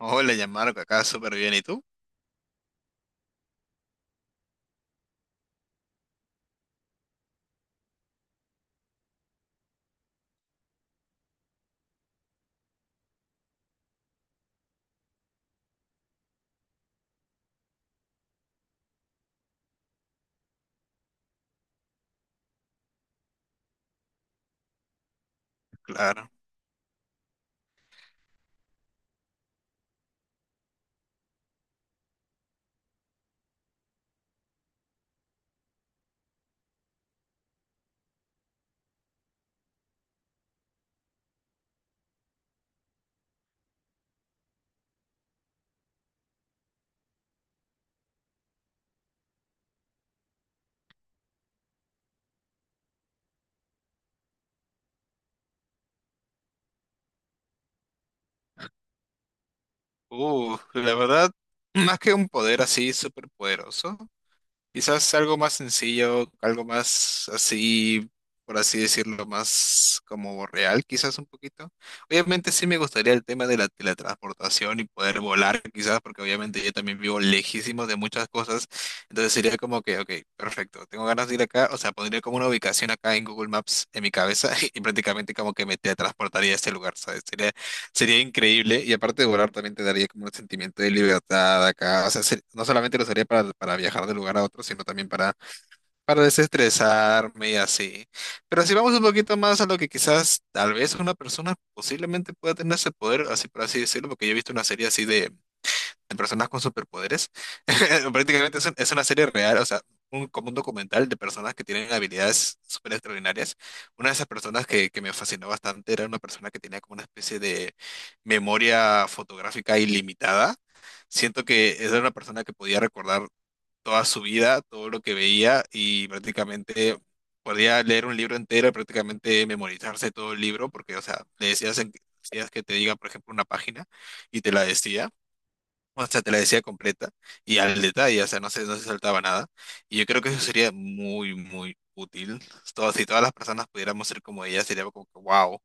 Hola, Yamarco, acá súper bien. ¿Y tú? Claro. La verdad, más que un poder así súper poderoso, quizás algo más sencillo, algo más así, por así decirlo, más como real, quizás un poquito. Obviamente sí me gustaría el tema de la teletransportación y poder volar, quizás, porque obviamente yo también vivo lejísimo de muchas cosas. Entonces sería como que, ok, perfecto, tengo ganas de ir acá, o sea, pondría como una ubicación acá en Google Maps en mi cabeza y prácticamente como que me teletransportaría a este lugar, ¿sabes? Sería increíble y aparte de volar también te daría como un sentimiento de libertad acá. O sea, no solamente lo usaría para viajar de lugar a otro, sino también para desestresarme y así. Pero si vamos un poquito más a lo que quizás tal vez una persona posiblemente pueda tener ese poder, así por así decirlo, porque yo he visto una serie así de personas con superpoderes. Prácticamente es, es una serie real, o sea, como un documental de personas que tienen habilidades súper extraordinarias. Una de esas personas que me fascinó bastante era una persona que tenía como una especie de memoria fotográfica ilimitada. Siento que era una persona que podía recordar toda su vida, todo lo que veía y prácticamente... Podía leer un libro entero y prácticamente memorizarse todo el libro, porque, o sea, le decías, decías que te diga, por ejemplo, una página y te la decía. O sea, te la decía completa y al detalle, o sea, no se saltaba nada. Y yo creo que eso sería muy, muy útil. Si todas las personas pudiéramos ser como ella, sería como que, wow,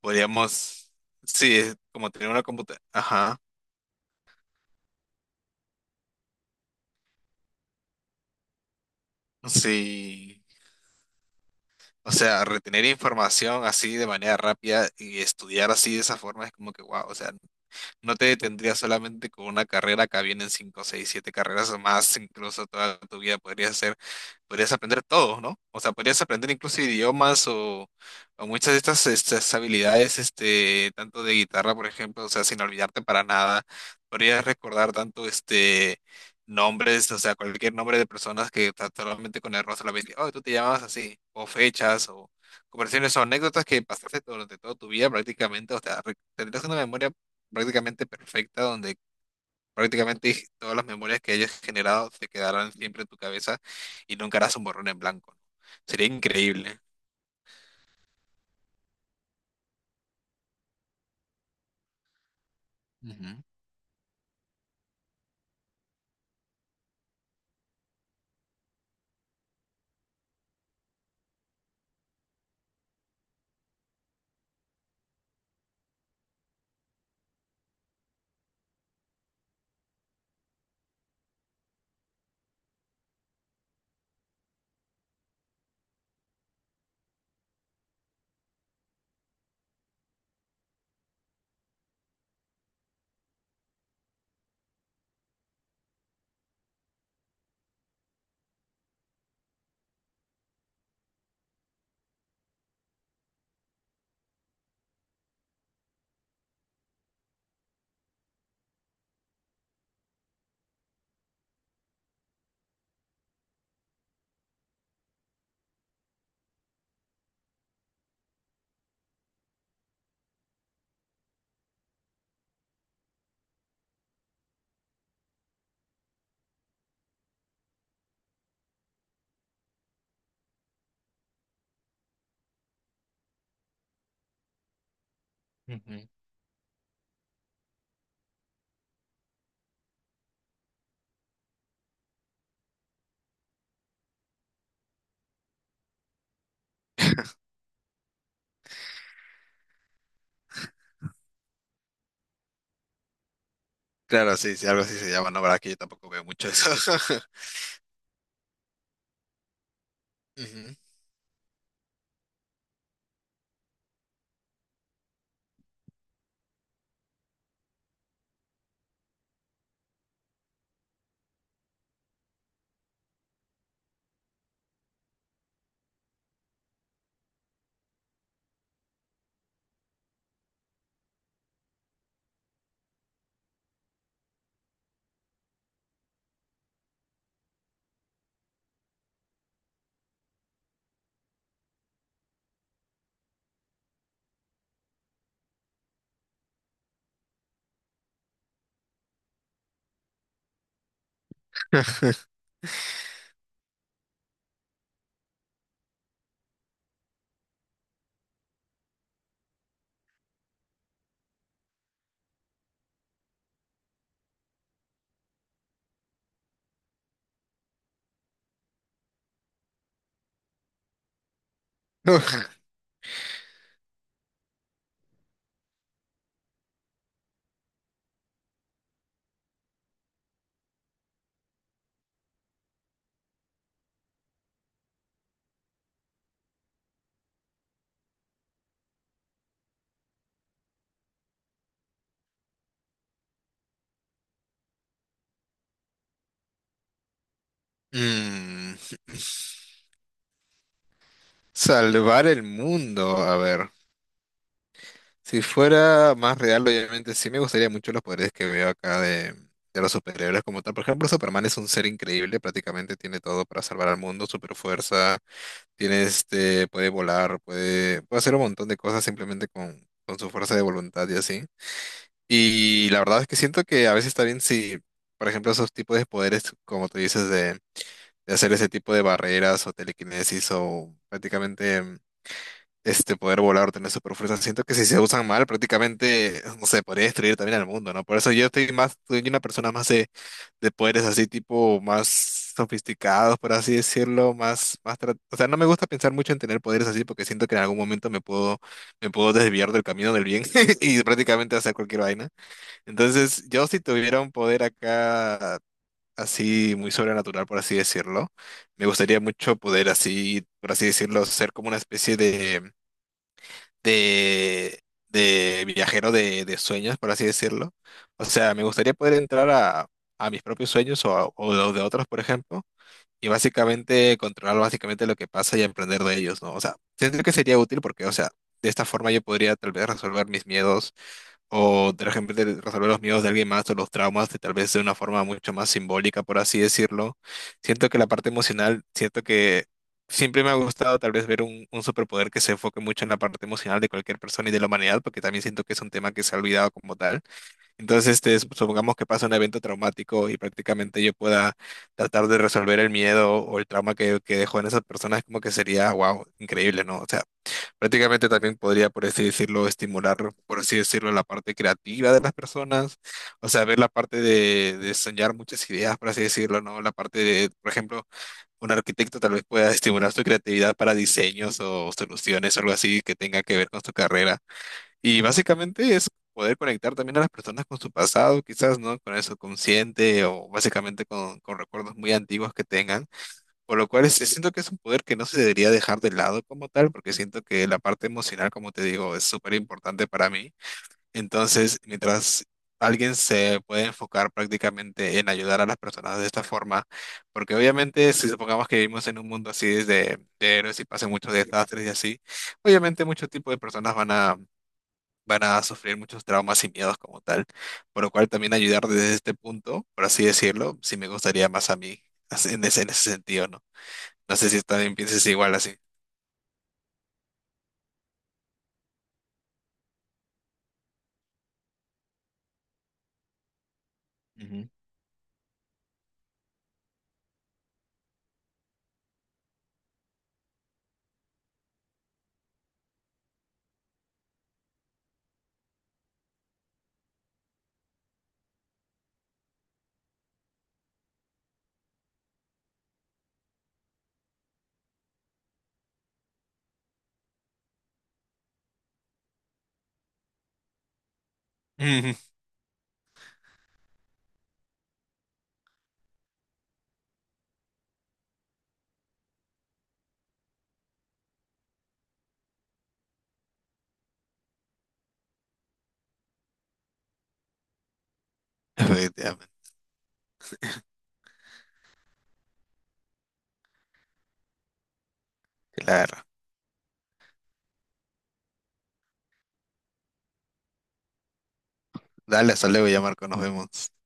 podríamos, sí, es como tener una computadora. Ajá, sí. O sea, retener información así de manera rápida y estudiar así de esa forma es como que, wow, o sea, no te detendrías solamente con una carrera, acá vienen 5 6 7 carreras o más, incluso toda tu vida podrías hacer, podrías aprender todo, ¿no? O sea, podrías aprender incluso idiomas o muchas de estas habilidades, este, tanto de guitarra, por ejemplo, o sea, sin olvidarte para nada, podrías recordar tanto este nombres, o sea, cualquier nombre de personas solamente con el rostro la ves, oh, tú te llamas así, o fechas, o conversaciones o anécdotas que pasaste durante toda tu vida prácticamente, o sea, tendrías una memoria prácticamente perfecta, donde prácticamente todas las memorias que hayas generado se quedarán siempre en tu cabeza y nunca harás un borrón en blanco, ¿no? Sería increíble. Ujú, ujú. Claro, sí, sí, algo así se llama, no, verdad que yo tampoco veo mucho eso. Ujú. Mm, salvar el mundo, a ver. Si fuera más real, obviamente sí me gustaría mucho los poderes que veo acá de los superhéroes como tal. Por ejemplo, Superman es un ser increíble, prácticamente tiene todo para salvar al mundo, super fuerza, tiene este, puede volar, puede, puede hacer un montón de cosas simplemente con su fuerza de voluntad y así. Y la verdad es que siento que a veces está bien si, por ejemplo, esos tipos de poderes, como tú dices, de hacer ese tipo de barreras o telequinesis o prácticamente este poder volar, tener super fuerza. Siento que si se usan mal, prácticamente, no sé, podría destruir también al mundo, ¿no? Por eso yo estoy más, soy una persona más de poderes así, tipo, más sofisticados, por así decirlo, más, más, o sea, no me gusta pensar mucho en tener poderes así porque siento que en algún momento me puedo desviar del camino del bien y prácticamente hacer cualquier vaina. Entonces, yo si tuviera un poder acá, así, muy sobrenatural, por así decirlo, me gustaría mucho poder así, por así decirlo, ser como una especie de de, de viajero de sueños, por así decirlo. O sea, me gustaría poder entrar a mis propios sueños o, o los de otros, por ejemplo, y básicamente controlar básicamente lo que pasa y emprender de ellos, ¿no? O sea, siento que sería útil porque, o sea, de esta forma yo podría tal vez resolver mis miedos o de repente de resolver los miedos de alguien más o los traumas, de, tal vez de una forma mucho más simbólica, por así decirlo. Siento que la parte emocional, siento que siempre me ha gustado tal vez ver un superpoder que se enfoque mucho en la parte emocional de cualquier persona y de la humanidad, porque también siento que es un tema que se ha olvidado como tal. Entonces, este, supongamos que pasa un evento traumático y prácticamente yo pueda tratar de resolver el miedo o el trauma que dejó en esas personas, como que sería, wow, increíble, ¿no? O sea, prácticamente también podría, por así decirlo, estimular, por así decirlo, la parte creativa de las personas, o sea, ver la parte de soñar muchas ideas, por así decirlo, ¿no? La parte de, por ejemplo, un arquitecto tal vez pueda estimular su creatividad para diseños o soluciones, algo así que tenga que ver con su carrera. Y básicamente es poder conectar también a las personas con su pasado, quizás, ¿no? Con el subconsciente o básicamente con recuerdos muy antiguos que tengan. Por lo cual siento que es un poder que no se debería dejar de lado como tal, porque siento que la parte emocional, como te digo, es súper importante para mí. Entonces, mientras alguien se puede enfocar prácticamente en ayudar a las personas de esta forma, porque obviamente si supongamos que vivimos en un mundo así de héroes y pasan muchos desastres y así, obviamente muchos tipos de personas van a, van a sufrir muchos traumas y miedos como tal. Por lo cual también ayudar desde este punto, por así decirlo, sí me gustaría más a mí así, en ese sentido, ¿no? No sé si también piensas igual así. Ujú. Ujú. Efectivamente, claro. Dale, hasta luego ya, Marco, nos vemos.